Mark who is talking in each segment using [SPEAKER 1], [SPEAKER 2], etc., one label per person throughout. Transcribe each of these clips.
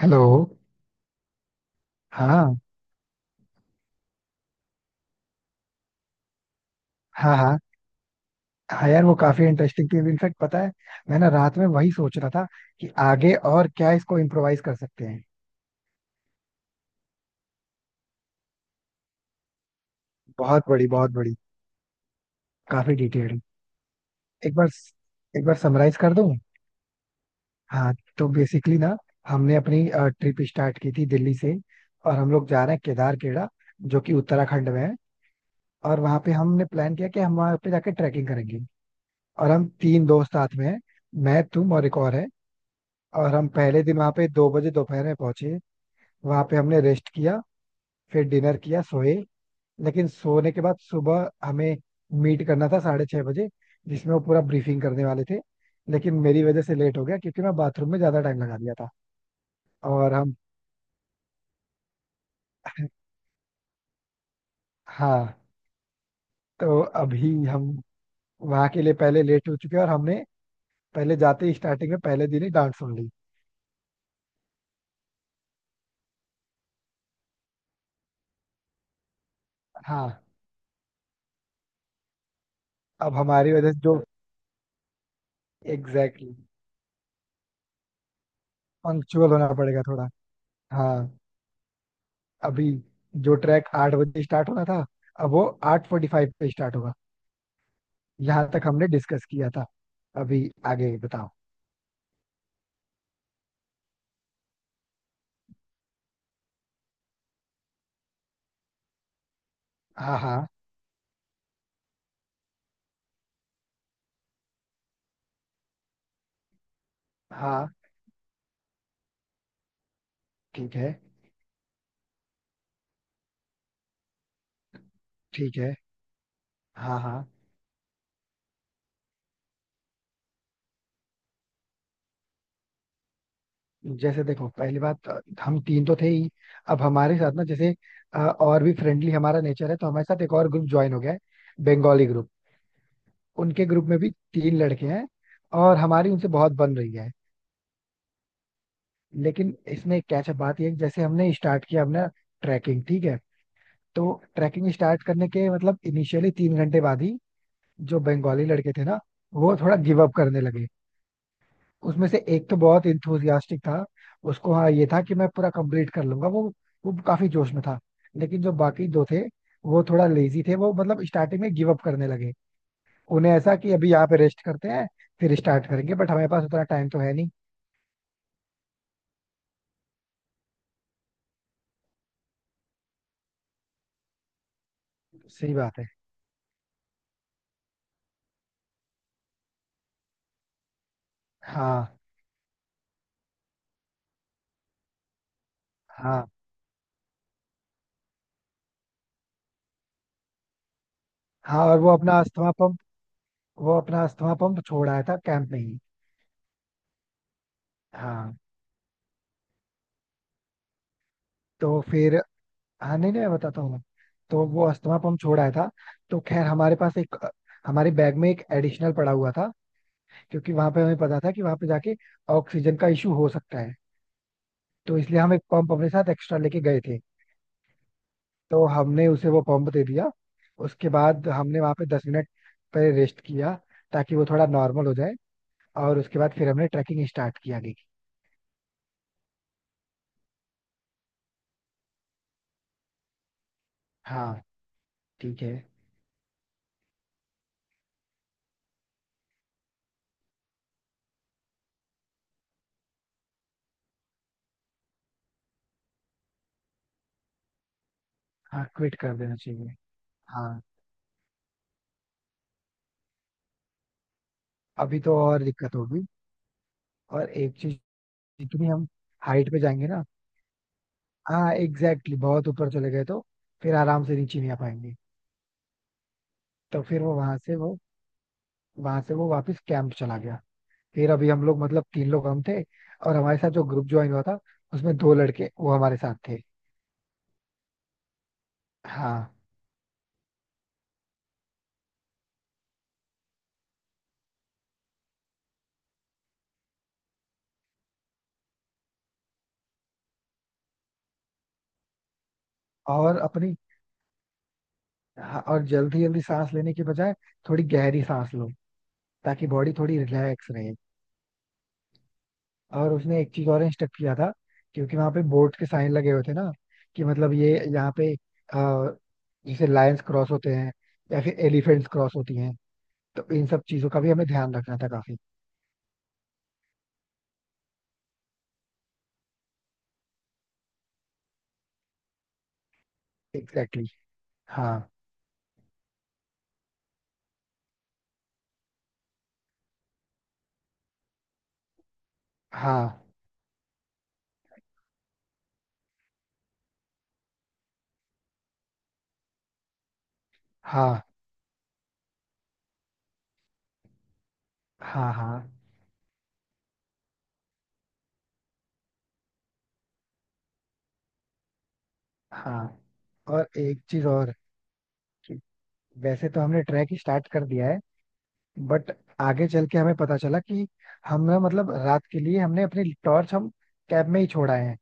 [SPEAKER 1] Hello. हाँ। हाँ। हाँ। हाँ यार वो काफी इंटरेस्टिंग थी। इनफैक्ट पता है मैं ना रात में वही सोच रहा था कि आगे और क्या इसको इम्प्रोवाइज कर सकते हैं। बहुत बड़ी बहुत बड़ी। काफी डिटेल्ड। एक बार। एक बार समराइज कर दूं। हाँ तो बेसिकली ना हमने अपनी ट्रिप स्टार्ट की थी दिल्ली से और हम लोग जा रहे हैं केदार केड़ा जो कि उत्तराखंड में है। और वहां पे हमने प्लान किया कि हम वहां पे जाके ट्रैकिंग करेंगे। और हम तीन दोस्त साथ में हैं, मैं तुम और एक और है। और हम पहले दिन वहां पे 2 बजे दोपहर में पहुंचे। वहां पे हमने रेस्ट किया, फिर डिनर किया, सोए। लेकिन सोने के बाद सुबह हमें मीट करना था 6:30 बजे, जिसमें वो पूरा ब्रीफिंग करने वाले थे। लेकिन मेरी वजह से लेट हो गया क्योंकि मैं बाथरूम में ज्यादा टाइम लगा दिया था। और हम हाँ तो अभी हम वहां के लिए पहले लेट हो चुके हैं और हमने पहले जाते ही स्टार्टिंग में पहले दिन ही डांट सुन ली। हाँ। अब हमारी वजह से जो एग्जैक्टली exactly, पंक्चुअल होना पड़ेगा थोड़ा। हाँ। अभी जो ट्रैक 8 बजे स्टार्ट होना था अब वो 8:45 पे स्टार्ट होगा। यहाँ तक हमने डिस्कस किया था। अभी आगे बताओ। हाँ। हाँ। हाँ। ठीक है। ठीक है। हाँ हाँ। जैसे देखो पहली बात हम तीन तो थे ही। अब हमारे साथ ना जैसे और भी फ्रेंडली हमारा नेचर है तो हमारे साथ एक और ग्रुप ज्वाइन हो गया है, बंगाली ग्रुप। उनके ग्रुप में भी तीन लड़के हैं और हमारी उनसे बहुत बन रही है। लेकिन इसमें एक कैचअप बात ये है कि जैसे हमने स्टार्ट किया हमने ट्रैकिंग, ठीक है। तो ट्रैकिंग स्टार्ट करने के मतलब इनिशियली 3 घंटे बाद ही जो बंगाली लड़के थे ना वो थोड़ा गिव अप करने लगे। उसमें से एक तो बहुत इंथुजियास्टिक था। उसको हाँ ये था कि मैं पूरा कंप्लीट कर लूंगा वो। वो काफी जोश में था। लेकिन जो बाकी दो थे वो थोड़ा लेजी थे, वो मतलब स्टार्टिंग में गिव अप करने लगे। उन्हें ऐसा कि अभी यहाँ पे रेस्ट करते हैं फिर स्टार्ट करेंगे, बट हमारे पास उतना टाइम तो है नहीं। सही बात है। हाँ। हाँ। हाँ और वो अपना अस्थमा पंप। वो अपना अस्थमा पंप छोड़ आया था कैंप में ही। हाँ। तो फिर। हाँ नहीं नहीं मैं बताता हूँ मैं तो वो अस्थमा पंप छोड़ आया था। तो खैर हमारे पास एक, हमारे बैग में एक एडिशनल पड़ा हुआ था क्योंकि वहां पे हमें पता था कि वहां पे जाके ऑक्सीजन का इशू हो सकता है। तो इसलिए हम एक पंप अपने साथ एक्स्ट्रा लेके गए थे। तो हमने उसे वो पंप दे दिया। उसके बाद हमने वहां पे 10 मिनट पे रेस्ट किया ताकि वो थोड़ा नॉर्मल हो जाए। और उसके बाद फिर हमने ट्रैकिंग स्टार्ट की आगे की। हाँ। ठीक है। हाँ क्विट कर देना चाहिए। हाँ अभी तो और दिक्कत होगी। और एक चीज, जितनी हम हाइट पे जाएंगे ना, हाँ एग्जैक्टली बहुत ऊपर चले गए तो फिर आराम से नीचे नहीं आ पाएंगे। तो फिर वो वहां से वो वापस कैंप चला गया। फिर अभी हम लोग मतलब तीन लोग हम थे और हमारे साथ जो ग्रुप ज्वाइन हुआ था उसमें दो लड़के वो हमारे साथ थे। हाँ और अपनी हाँ, और जल्दी जल्दी सांस लेने के बजाय थोड़ी गहरी सांस लो ताकि बॉडी थोड़ी रिलैक्स रहे। और उसने एक चीज और इंस्ट्रक्ट किया था क्योंकि वहां पे बोर्ड के साइन लगे हुए थे ना, कि मतलब ये यहाँ पे जैसे लायंस क्रॉस होते हैं या फिर एलिफेंट्स क्रॉस होती हैं। तो इन सब चीजों का भी हमें ध्यान रखना था काफी। Exactly exactly। हाँ। हाँ। हाँ। हाँ। हाँ। हाँ। और एक चीज और कि वैसे तो हमने ट्रैक स्टार्ट कर दिया है बट आगे चल के हमें पता चला कि हमने मतलब रात के लिए हमने अपनी टॉर्च हम कैब में ही छोड़ा है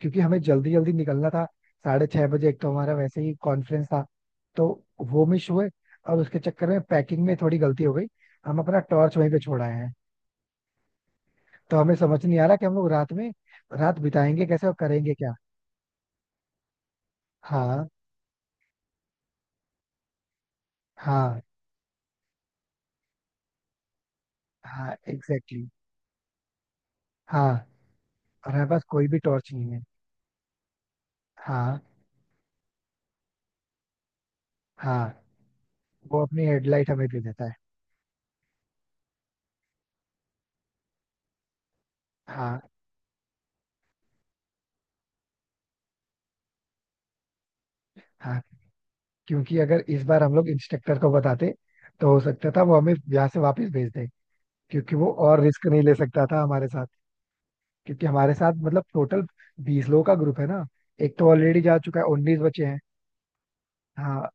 [SPEAKER 1] क्योंकि हमें जल्दी जल्दी निकलना था। 6:30 बजे एक तो हमारा वैसे ही कॉन्फ्रेंस था तो वो मिस हुए। और उसके चक्कर में पैकिंग में थोड़ी गलती हो गई, हम अपना टॉर्च वहीं पे छोड़ आए हैं। तो हमें समझ नहीं आ रहा कि हम लोग रात में रात बिताएंगे कैसे और करेंगे क्या। हाँ। हाँ। हाँ एग्जैक्टली exactly, हाँ और हमारे पास कोई भी टॉर्च नहीं है। हाँ। हाँ। वो अपनी हेडलाइट हमें दे देता है। हाँ। हाँ क्योंकि अगर इस बार हम लोग इंस्ट्रक्टर को बताते तो हो सकता था वो हमें यहाँ से वापस भेज दे। क्योंकि वो और रिस्क नहीं ले सकता था हमारे साथ। क्योंकि हमारे साथ मतलब टोटल 20 लोगों का ग्रुप है ना। एक तो ऑलरेडी जा चुका है, 19 बचे हैं। हाँ।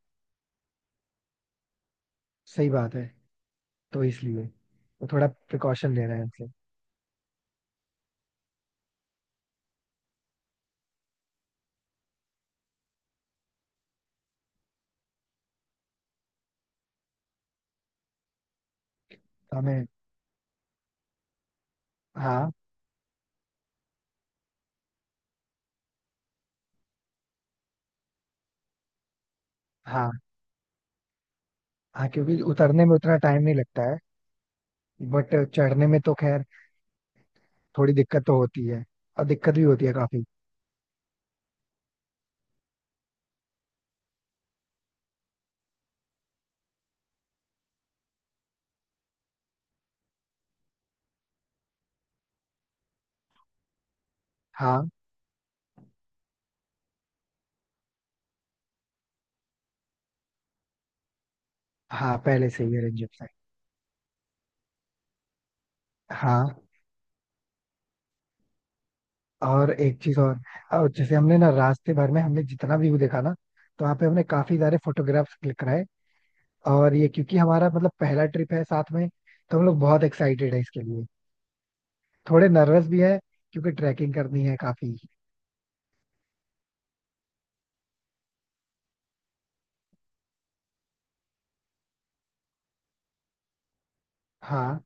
[SPEAKER 1] सही बात है। तो इसलिए वो थोड़ा प्रिकॉशन ले रहे हैं। हमें। हाँ। हाँ। हाँ क्योंकि उतरने में उतना टाइम नहीं लगता है। बट चढ़ने में तो खैर थोड़ी दिक्कत तो होती है और दिक्कत भी होती है काफी। हाँ। हाँ पहले से ही अरेंज है। हाँ और एक चीज और। और जैसे हमने ना रास्ते भर में हमने जितना व्यू देखा ना, तो वहाँ पे हमने काफी सारे फोटोग्राफ्स क्लिक कराए। और ये क्योंकि हमारा मतलब पहला ट्रिप है साथ में, तो हम लोग बहुत एक्साइटेड है इसके लिए। थोड़े नर्वस भी है क्योंकि ट्रैकिंग करनी है काफी। हाँ।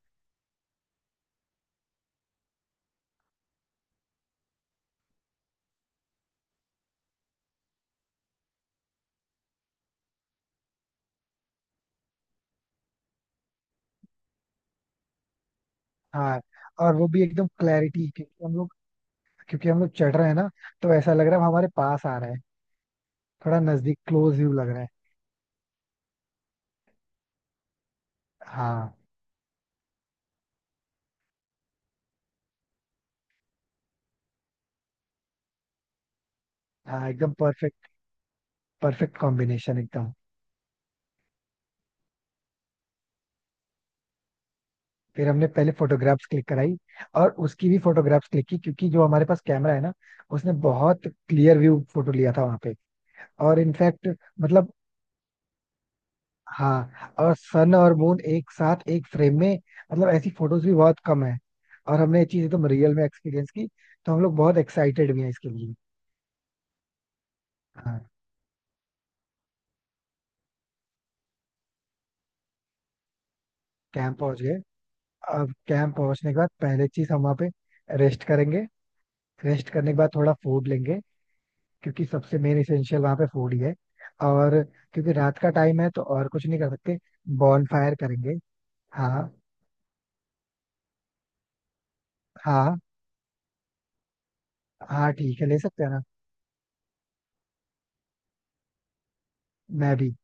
[SPEAKER 1] हाँ और वो भी एकदम क्लैरिटी क्योंकि हम लोग चढ़ रहे हैं ना तो ऐसा लग रहा है वो हमारे पास आ रहा है। थोड़ा नजदीक क्लोज व्यू लग रहा है। हाँ। हाँ एकदम परफेक्ट, परफेक्ट कॉम्बिनेशन एकदम। फिर हमने पहले फोटोग्राफ्स क्लिक कराई और उसकी भी फोटोग्राफ्स क्लिक की क्योंकि जो हमारे पास कैमरा है ना, उसने बहुत क्लियर व्यू फोटो लिया था वहां पे। और इनफैक्ट मतलब, हाँ और सन और मून एक साथ एक फ्रेम में, मतलब ऐसी फोटोज भी बहुत कम है। और हमने ये चीज एकदम रियल में एक्सपीरियंस की तो हम लोग बहुत एक्साइटेड भी हैं इसके लिए। हाँ। कैंप पहुंच गए। अब कैंप पहुंचने के बाद पहले चीज हम वहाँ पे रेस्ट करेंगे। रेस्ट करने के बाद थोड़ा फूड लेंगे क्योंकि सबसे मेन इसेंशियल वहाँ पे फूड ही है। और क्योंकि रात का टाइम है तो और कुछ नहीं कर सकते। बॉन फायर करेंगे। हाँ। हाँ। हाँ ठीक है ले सकते हैं ना। मैं भी।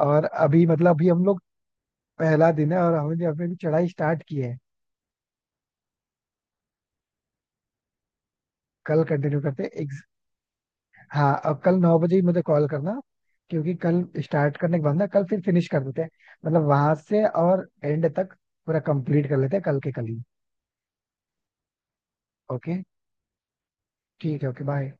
[SPEAKER 1] और अभी मतलब अभी हम लोग पहला दिन है और हमने अभी अभी चढ़ाई स्टार्ट की है। कल कंटिन्यू करते हैं। हाँ अब कल 9 बजे ही मुझे कॉल करना क्योंकि कल स्टार्ट करने के बाद ना कल फिर फिनिश कर देते हैं। मतलब वहां से और एंड तक पूरा कंप्लीट कर लेते हैं कल के कल ही। ओके। ठीक है। Okay bye.